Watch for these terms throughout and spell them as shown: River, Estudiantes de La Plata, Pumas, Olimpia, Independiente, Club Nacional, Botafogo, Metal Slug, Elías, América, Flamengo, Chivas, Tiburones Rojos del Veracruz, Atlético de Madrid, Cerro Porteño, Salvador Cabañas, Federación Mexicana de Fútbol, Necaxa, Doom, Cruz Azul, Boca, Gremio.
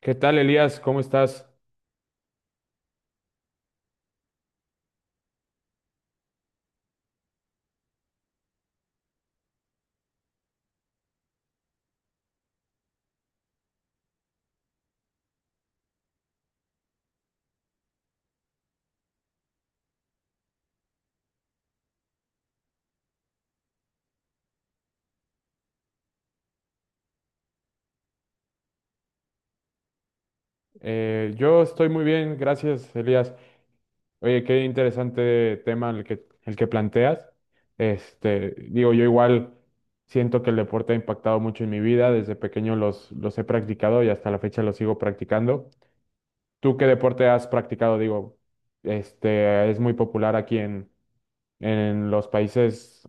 ¿Qué tal, Elías? ¿Cómo estás? Yo estoy muy bien, gracias, Elías. Oye, qué interesante tema el que planteas. Yo igual siento que el deporte ha impactado mucho en mi vida. Desde pequeño los he practicado y hasta la fecha los sigo practicando. ¿Tú qué deporte has practicado? Es muy popular aquí en los países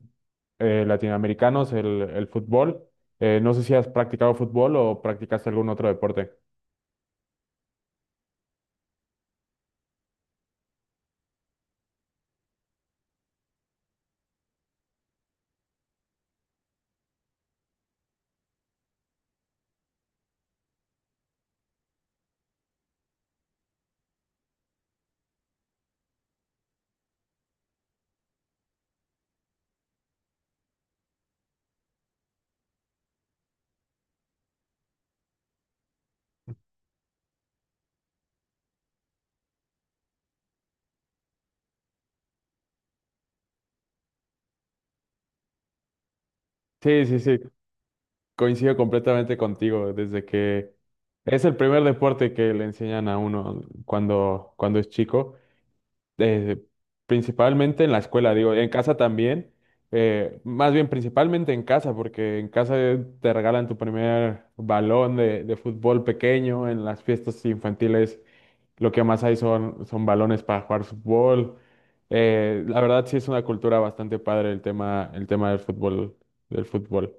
latinoamericanos el fútbol. No sé si has practicado fútbol o practicaste algún otro deporte. Sí, sí, sí. Coincido completamente contigo, desde que es el primer deporte que le enseñan a uno cuando es chico, eh, principalmente en la escuela, digo, en casa también, más bien principalmente en casa, porque en casa te regalan tu primer balón de fútbol pequeño. En las fiestas infantiles lo que más hay son balones para jugar fútbol. La verdad sí es una cultura bastante padre el tema del fútbol, del fútbol.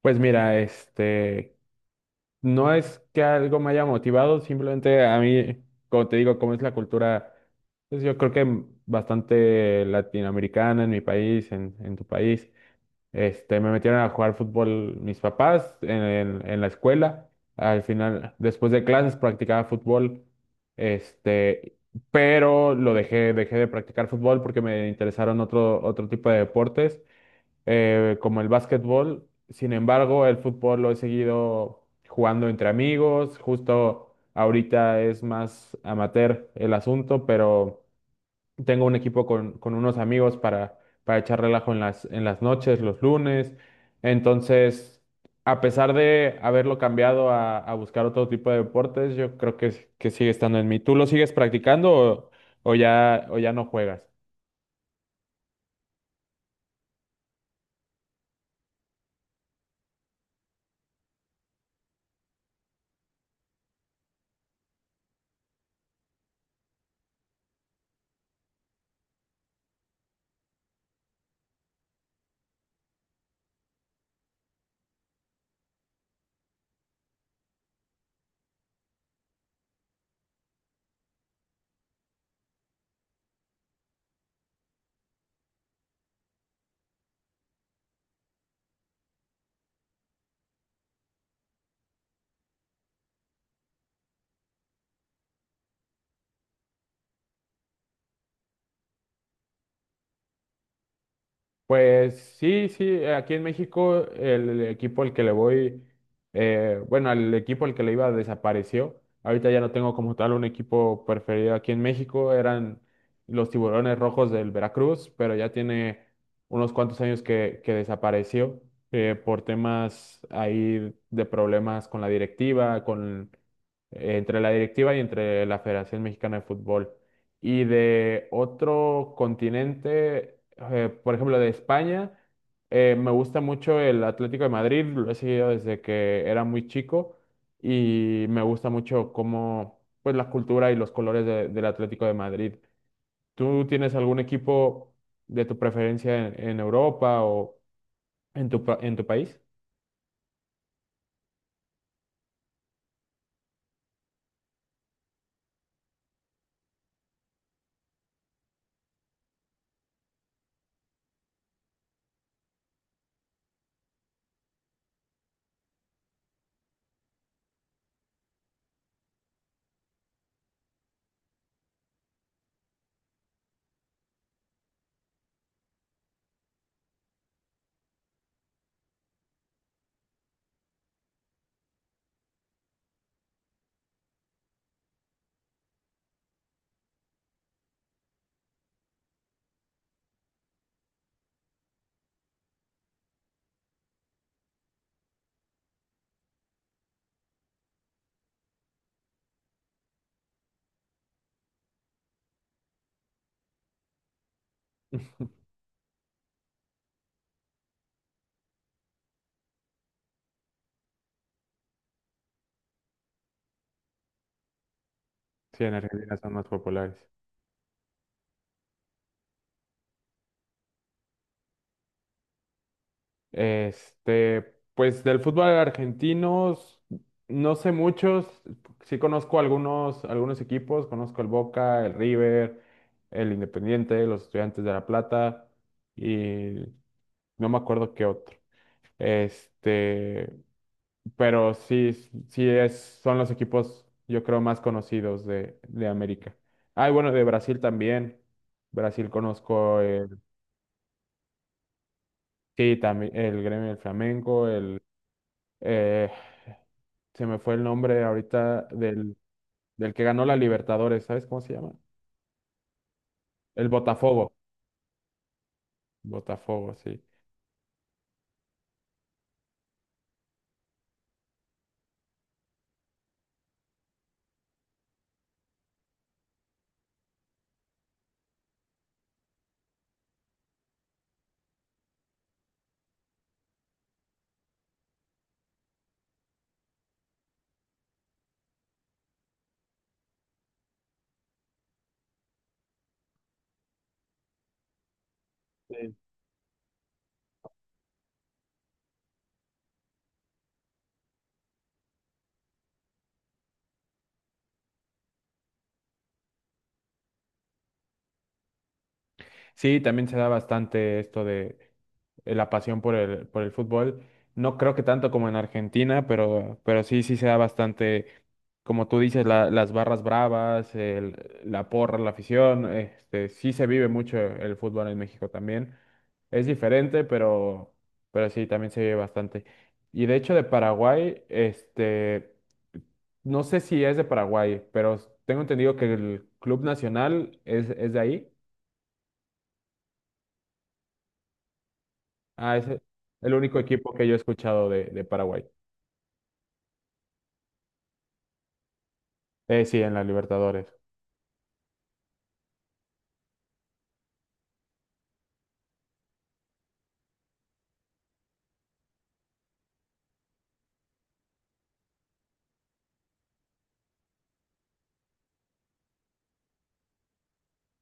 Pues mira, no es que algo me haya motivado, simplemente a mí, como te digo, como es la cultura, pues yo creo que bastante latinoamericana en mi país, en tu país, me metieron a jugar fútbol mis papás en la escuela. Al final, después de clases, practicaba fútbol. este, pero dejé de practicar fútbol porque me interesaron otro tipo de deportes como el básquetbol. Sin embargo, el fútbol lo he seguido jugando entre amigos. Justo ahorita es más amateur el asunto, pero tengo un equipo con unos amigos para echar relajo en las noches, los lunes. Entonces, a pesar de haberlo cambiado a buscar otro tipo de deportes, yo creo que sigue estando en mí. ¿Tú lo sigues practicando o ya no juegas? Pues sí, sí, aquí en México el equipo al que le voy, bueno, el equipo al que le iba desapareció. Ahorita ya no tengo como tal un equipo preferido aquí en México. Eran los Tiburones Rojos del Veracruz, pero ya tiene unos cuantos años que desapareció por temas ahí de problemas con la directiva, entre la directiva y entre la Federación Mexicana de Fútbol. Y de otro continente, por ejemplo, de España, me gusta mucho el Atlético de Madrid. Lo he seguido desde que era muy chico y me gusta mucho cómo, pues, la cultura y los colores del Atlético de Madrid. ¿Tú tienes algún equipo de tu preferencia en Europa o en tu, en tu país? Sí, en Argentina son más populares. Este, pues del fútbol argentino no sé muchos. Sí conozco algunos, algunos equipos. Conozco el Boca, el River, el Independiente, los Estudiantes de La Plata y no me acuerdo qué otro. Este, pero sí, sí es, son los equipos yo creo más conocidos de América. Ah, y bueno, de Brasil también. Brasil conozco el, sí, también el Gremio del Flamengo, el eh, se me fue el nombre ahorita del, del que ganó la Libertadores, ¿sabes cómo se llama? El Botafogo. Botafogo, sí. Sí, también se da bastante esto de la pasión por el fútbol. No creo que tanto como en Argentina, pero sí, sí se da bastante, como tú dices, las barras bravas, la porra, la afición. Este, sí se vive mucho el fútbol en México también. Es diferente, pero sí, también se vive bastante. Y de hecho de Paraguay, no sé si es de Paraguay, pero tengo entendido que el Club Nacional es de ahí. Ah, es el único equipo que yo he escuchado de Paraguay. Sí, en la Libertadores.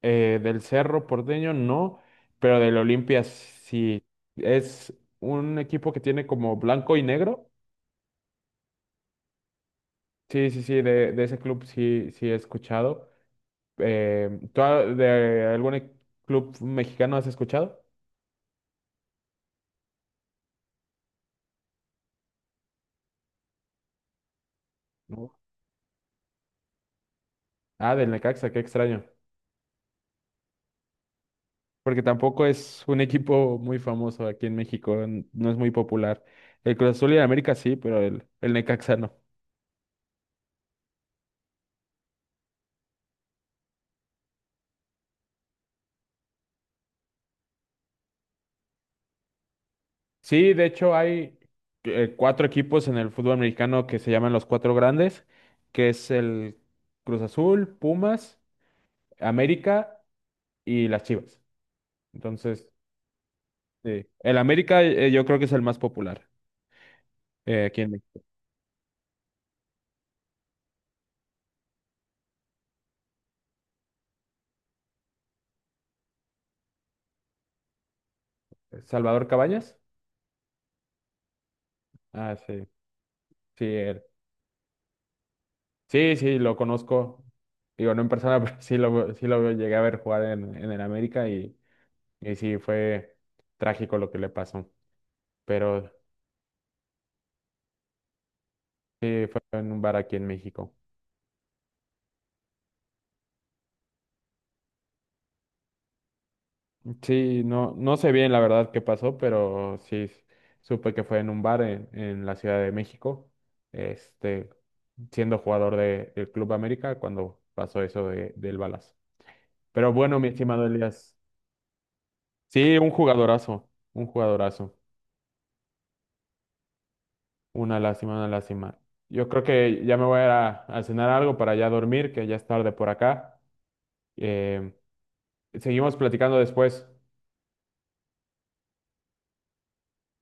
Del Cerro Porteño no, pero del Olimpia sí. Es un equipo que tiene como blanco y negro. Sí, sí, sí, de ese club sí, sí he escuchado. ¿Tú de algún club mexicano has escuchado? No. Ah, del Necaxa, qué extraño. Porque tampoco es un equipo muy famoso aquí en México, no es muy popular. El Cruz Azul y el América sí, pero el Necaxa no. Sí, de hecho hay cuatro equipos en el fútbol mexicano que se llaman los cuatro grandes, que es el Cruz Azul, Pumas, América y las Chivas. Entonces, sí. El América yo creo que es el más popular. Aquí en México. ¿Salvador Cabañas? Ah, sí, sí, él. Sí, sí, lo conozco. Digo, no en persona, pero sí sí lo llegué a ver jugar en el América y sí, fue trágico lo que le pasó. Pero sí, fue en un bar aquí en México. Sí, no, no sé bien la verdad qué pasó, pero sí supe que fue en un bar en la Ciudad de México, este, siendo jugador del Club América cuando pasó eso del balazo. Pero bueno, mi estimado Elías, sí, un jugadorazo, una lástima, una lástima. Yo creo que ya me voy a ir a cenar algo para ya dormir, que ya es tarde por acá. Eh, Seguimos platicando después.